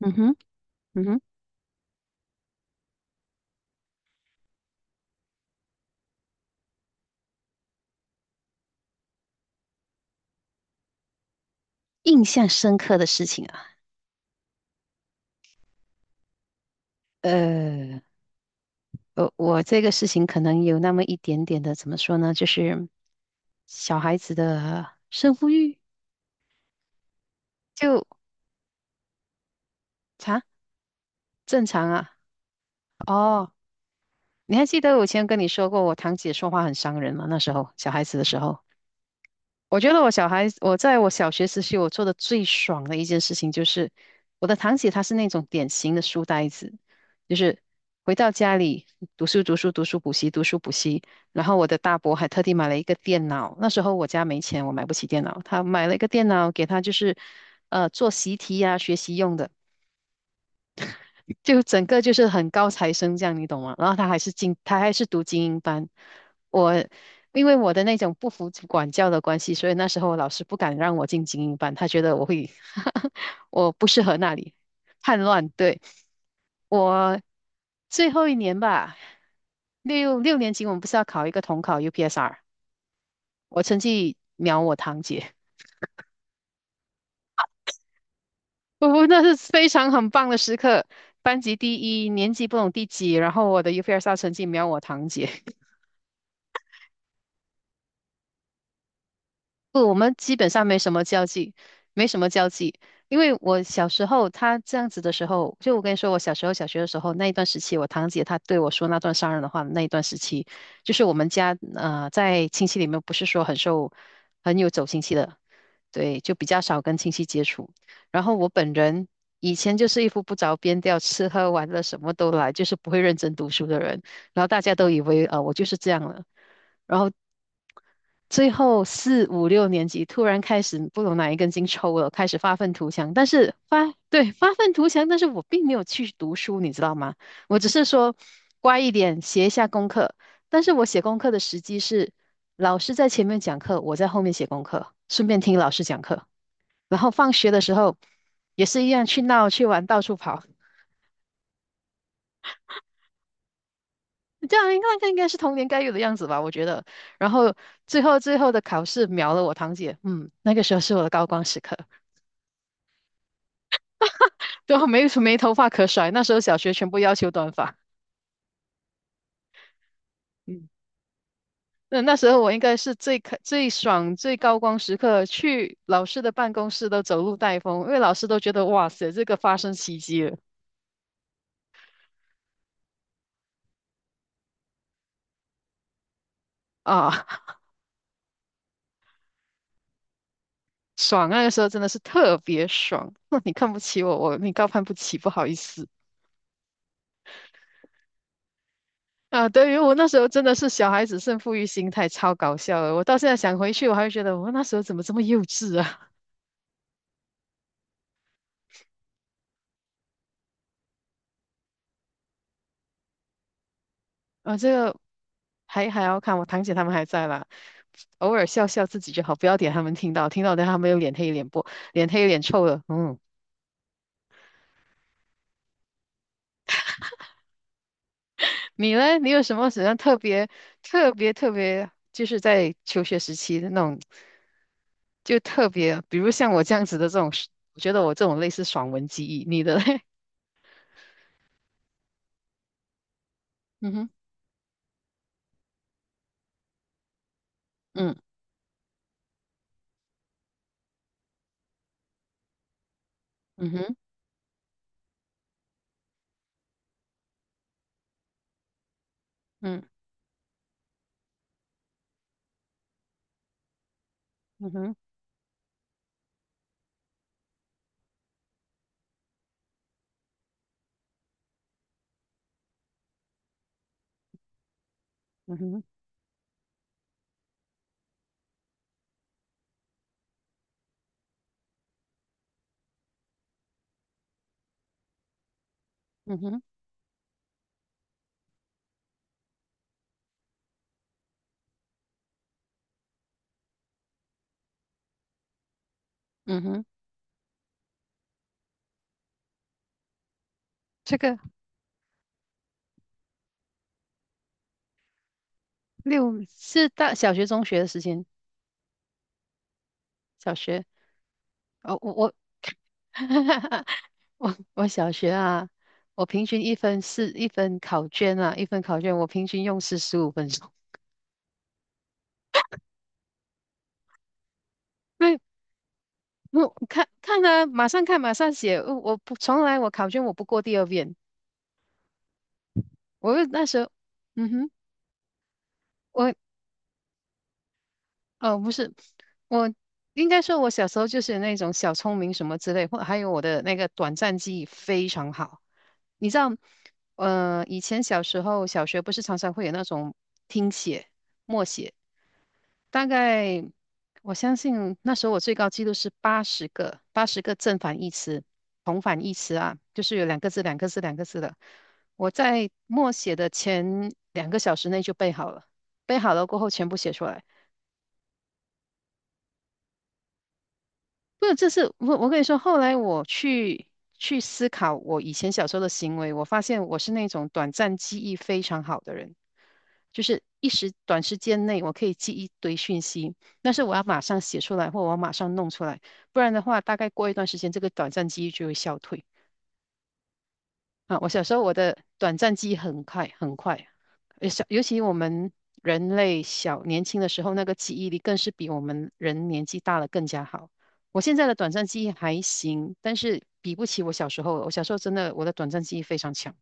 嗯哼，嗯哼，印象深刻的事情啊，呃，我这个事情可能有那么一点点的，怎么说呢，就是小孩子的胜负欲就啊，正常啊。哦，你还记得我以前跟你说过，我堂姐说话很伤人吗？那时候小孩子的时候。我觉得我小孩，我在我小学时期，我做的最爽的一件事情就是，我的堂姐她是那种典型的书呆子，就是回到家里读书读书读书补习读书补习，然后我的大伯还特地买了一个电脑，那时候我家没钱，我买不起电脑，他买了一个电脑给他就是，做习题呀、学习用的。就整个就是很高材生这样，你懂吗？然后他还是读精英班。我因为我的那种不服管教的关系，所以那时候老师不敢让我进精英班，他觉得我会，我不适合那里，叛乱。对，我最后一年吧，六年级我们不是要考一个统考 UPSR，我成绩秒我堂姐。不不，那是非常很棒的时刻，班级第一，年级不懂第几，然后我的 UPSR 成绩秒我堂姐。不，我们基本上没什么交际，没什么交际。因为我小时候他这样子的时候，就我跟你说，我小时候小学的时候那一段时期，我堂姐她对我说那段伤人的话的那一段时期，就是我们家在亲戚里面不是说很受很有走亲戚的，对，就比较少跟亲戚接触。然后我本人以前就是一副不着边调，吃喝玩乐什么都来，就是不会认真读书的人。然后大家都以为我就是这样了。然后最后四五六年级突然开始不懂哪一根筋抽了，开始发愤图强。但是发，对，发愤图强，但是我并没有去读书，你知道吗？我只是说乖一点，写一下功课。但是我写功课的时机是老师在前面讲课，我在后面写功课，顺便听老师讲课。然后放学的时候也是一样去闹去玩，到处跑。这样应该是童年该有的样子吧，我觉得。然后最后的考试秒了我堂姐，嗯，那个时候是我的高光时刻。对啊，没头发可甩。那时候小学全部要求短发，嗯，那时候我应该是最爽、最高光时刻，去老师的办公室都走路带风，因为老师都觉得哇塞，这个发生奇迹了啊，爽！那个时候真的是特别爽。那你看不起我，我你高攀不起，不好意思啊。对于我那时候真的是小孩子胜负欲心态，超搞笑的。我到现在想回去，我还会觉得我那时候怎么这么幼稚啊？啊，这个还要看我堂姐他们还在啦，偶尔笑笑自己就好，不要点他们听到，等他们又脸黑脸不脸黑脸臭了。嗯，你呢？你有什么特别，就是在求学时期的那种，就特别，比如像我这样子的这种，我觉得我这种类似爽文记忆，你的嘞？嗯哼，嗯嗯哼，嗯嗯哼，嗯哼，嗯哼，嗯哼，这个六是小学中学的时间，小学哦，我小学啊，我平均一分考卷啊，一分考卷我平均用时十五分钟。对，我看看啊，马上看，马上写。我不从来我考卷我不过第二遍。我就那时候，嗯哼，我哦不是，我应该说我小时候就是那种小聪明什么之类，或还有我的那个短暂记忆非常好。你知道，以前小时候小学不是常常会有那种听写、默写。大概我相信那时候我最高记录是八十个，八十个正反义词、同反义词啊，就是有两个字、两个字的。我在默写的前两个小时内就背好了，背好了过后全部写出来。不是，这是我跟你说，后来我去思考我以前小时候的行为，我发现我是那种短暂记忆非常好的人，就是一时短时间内我可以记一堆讯息，但是我要马上写出来，或我要马上弄出来，不然的话，大概过一段时间，这个短暂记忆就会消退。啊，我小时候我的短暂记忆很快，尤其我们人类小年轻的时候，那个记忆力更是比我们人年纪大了更加好。我现在的短暂记忆还行，但是比不起我小时候了，我小时候真的我的短暂记忆非常强。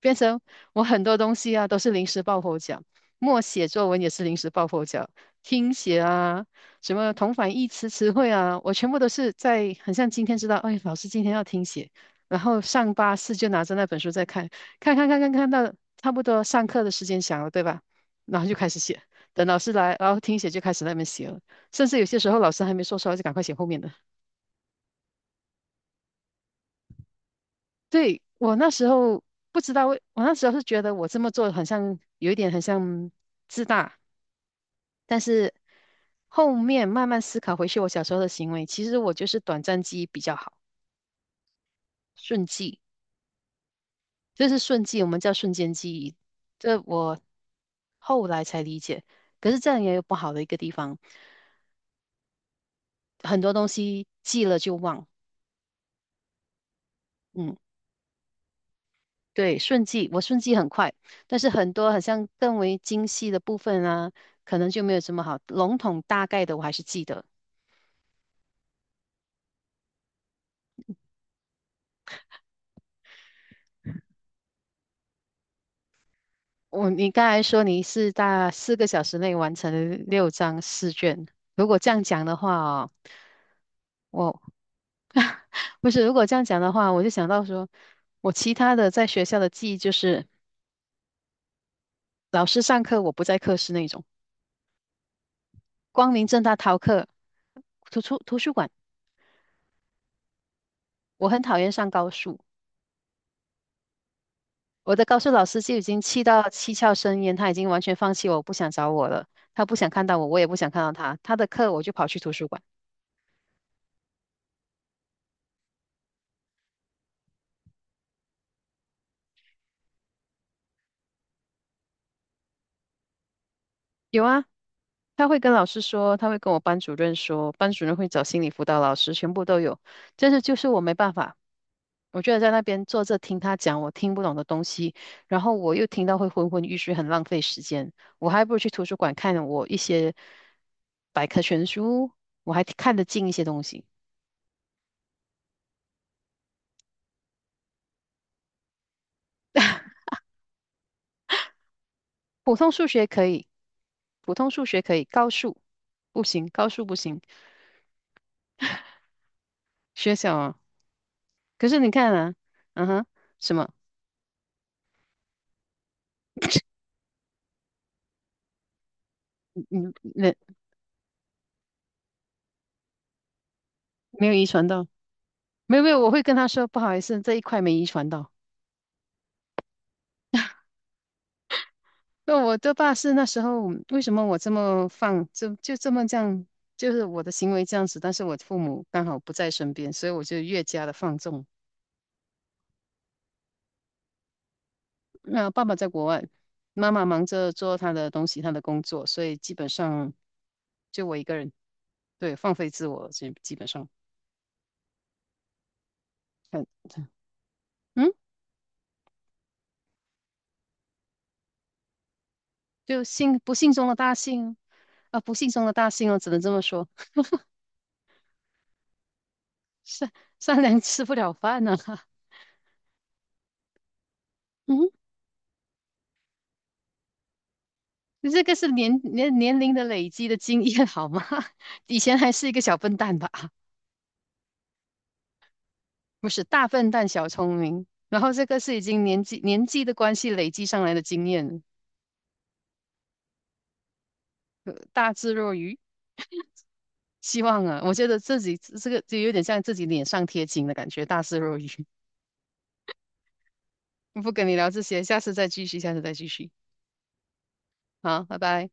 变成我很多东西啊都是临时抱佛脚，默写作文也是临时抱佛脚，听写啊，什么同反义词词汇啊，我全部都是在很像今天知道，哎，老师今天要听写，然后上巴士就拿着那本书在看，看到差不多上课的时间响了，对吧？然后就开始写，等老师来，然后听写就开始在那边写了，甚至有些时候老师还没说出来就赶快写后面的。对，我那时候不知道为，我那时候是觉得我这么做很像有一点很像自大，但是后面慢慢思考回去我小时候的行为，其实我就是短暂记忆比较好，瞬记，这是瞬记，我们叫瞬间记忆，这我后来才理解。可是这样也有不好的一个地方，很多东西记了就忘，嗯。对，顺记，我顺记很快，但是很多好像更为精细的部分啊，可能就没有这么好。笼统大概的我还是记得。我，你刚才说你是大四个小时内完成了六张试卷，如果这样讲的话哦，我不是，如果这样讲的话，我就想到说，我其他的在学校的记忆就是老师上课我不在课室那种，光明正大逃课，图书馆，我很讨厌上高数。我的高数老师就已经气到七窍生烟，他已经完全放弃我，不想找我了。他不想看到我，我也不想看到他。他的课我就跑去图书馆。有啊，他会跟老师说，他会跟我班主任说，班主任会找心理辅导老师，全部都有。但是就是我没办法，我觉得在那边坐着听他讲我听不懂的东西，然后我又听到会昏昏欲睡，很浪费时间。我还不如去图书馆看我一些百科全书，我还看得进一些东西。普通数学可以。普通数学可以，高数不行，学小啊。可是你看啊，嗯哼，什么？嗯，那没有遗传到，没有，我会跟他说不好意思，这一块没遗传到。那我的爸是那时候为什么我这么放，就这么这样，就是我的行为这样子，但是我父母刚好不在身边，所以我就越加的放纵。那爸爸在国外，妈妈忙着做她的东西，她的工作，所以基本上就我一个人，对，放飞自我，基本上。很嗯，不幸中的大幸啊，不幸中的大幸哦，只能这么说。善善良吃不了饭呢、啊 嗯，这个是年龄的累积的经验好吗？以前还是一个小笨蛋吧，不是大笨蛋小聪明，然后这个是已经年纪的关系累积上来的经验，大智若愚。希望啊，我觉得自己这个就有点像自己脸上贴金的感觉，大智若愚。不跟你聊这些，下次再继续，下次再继续。好，拜拜。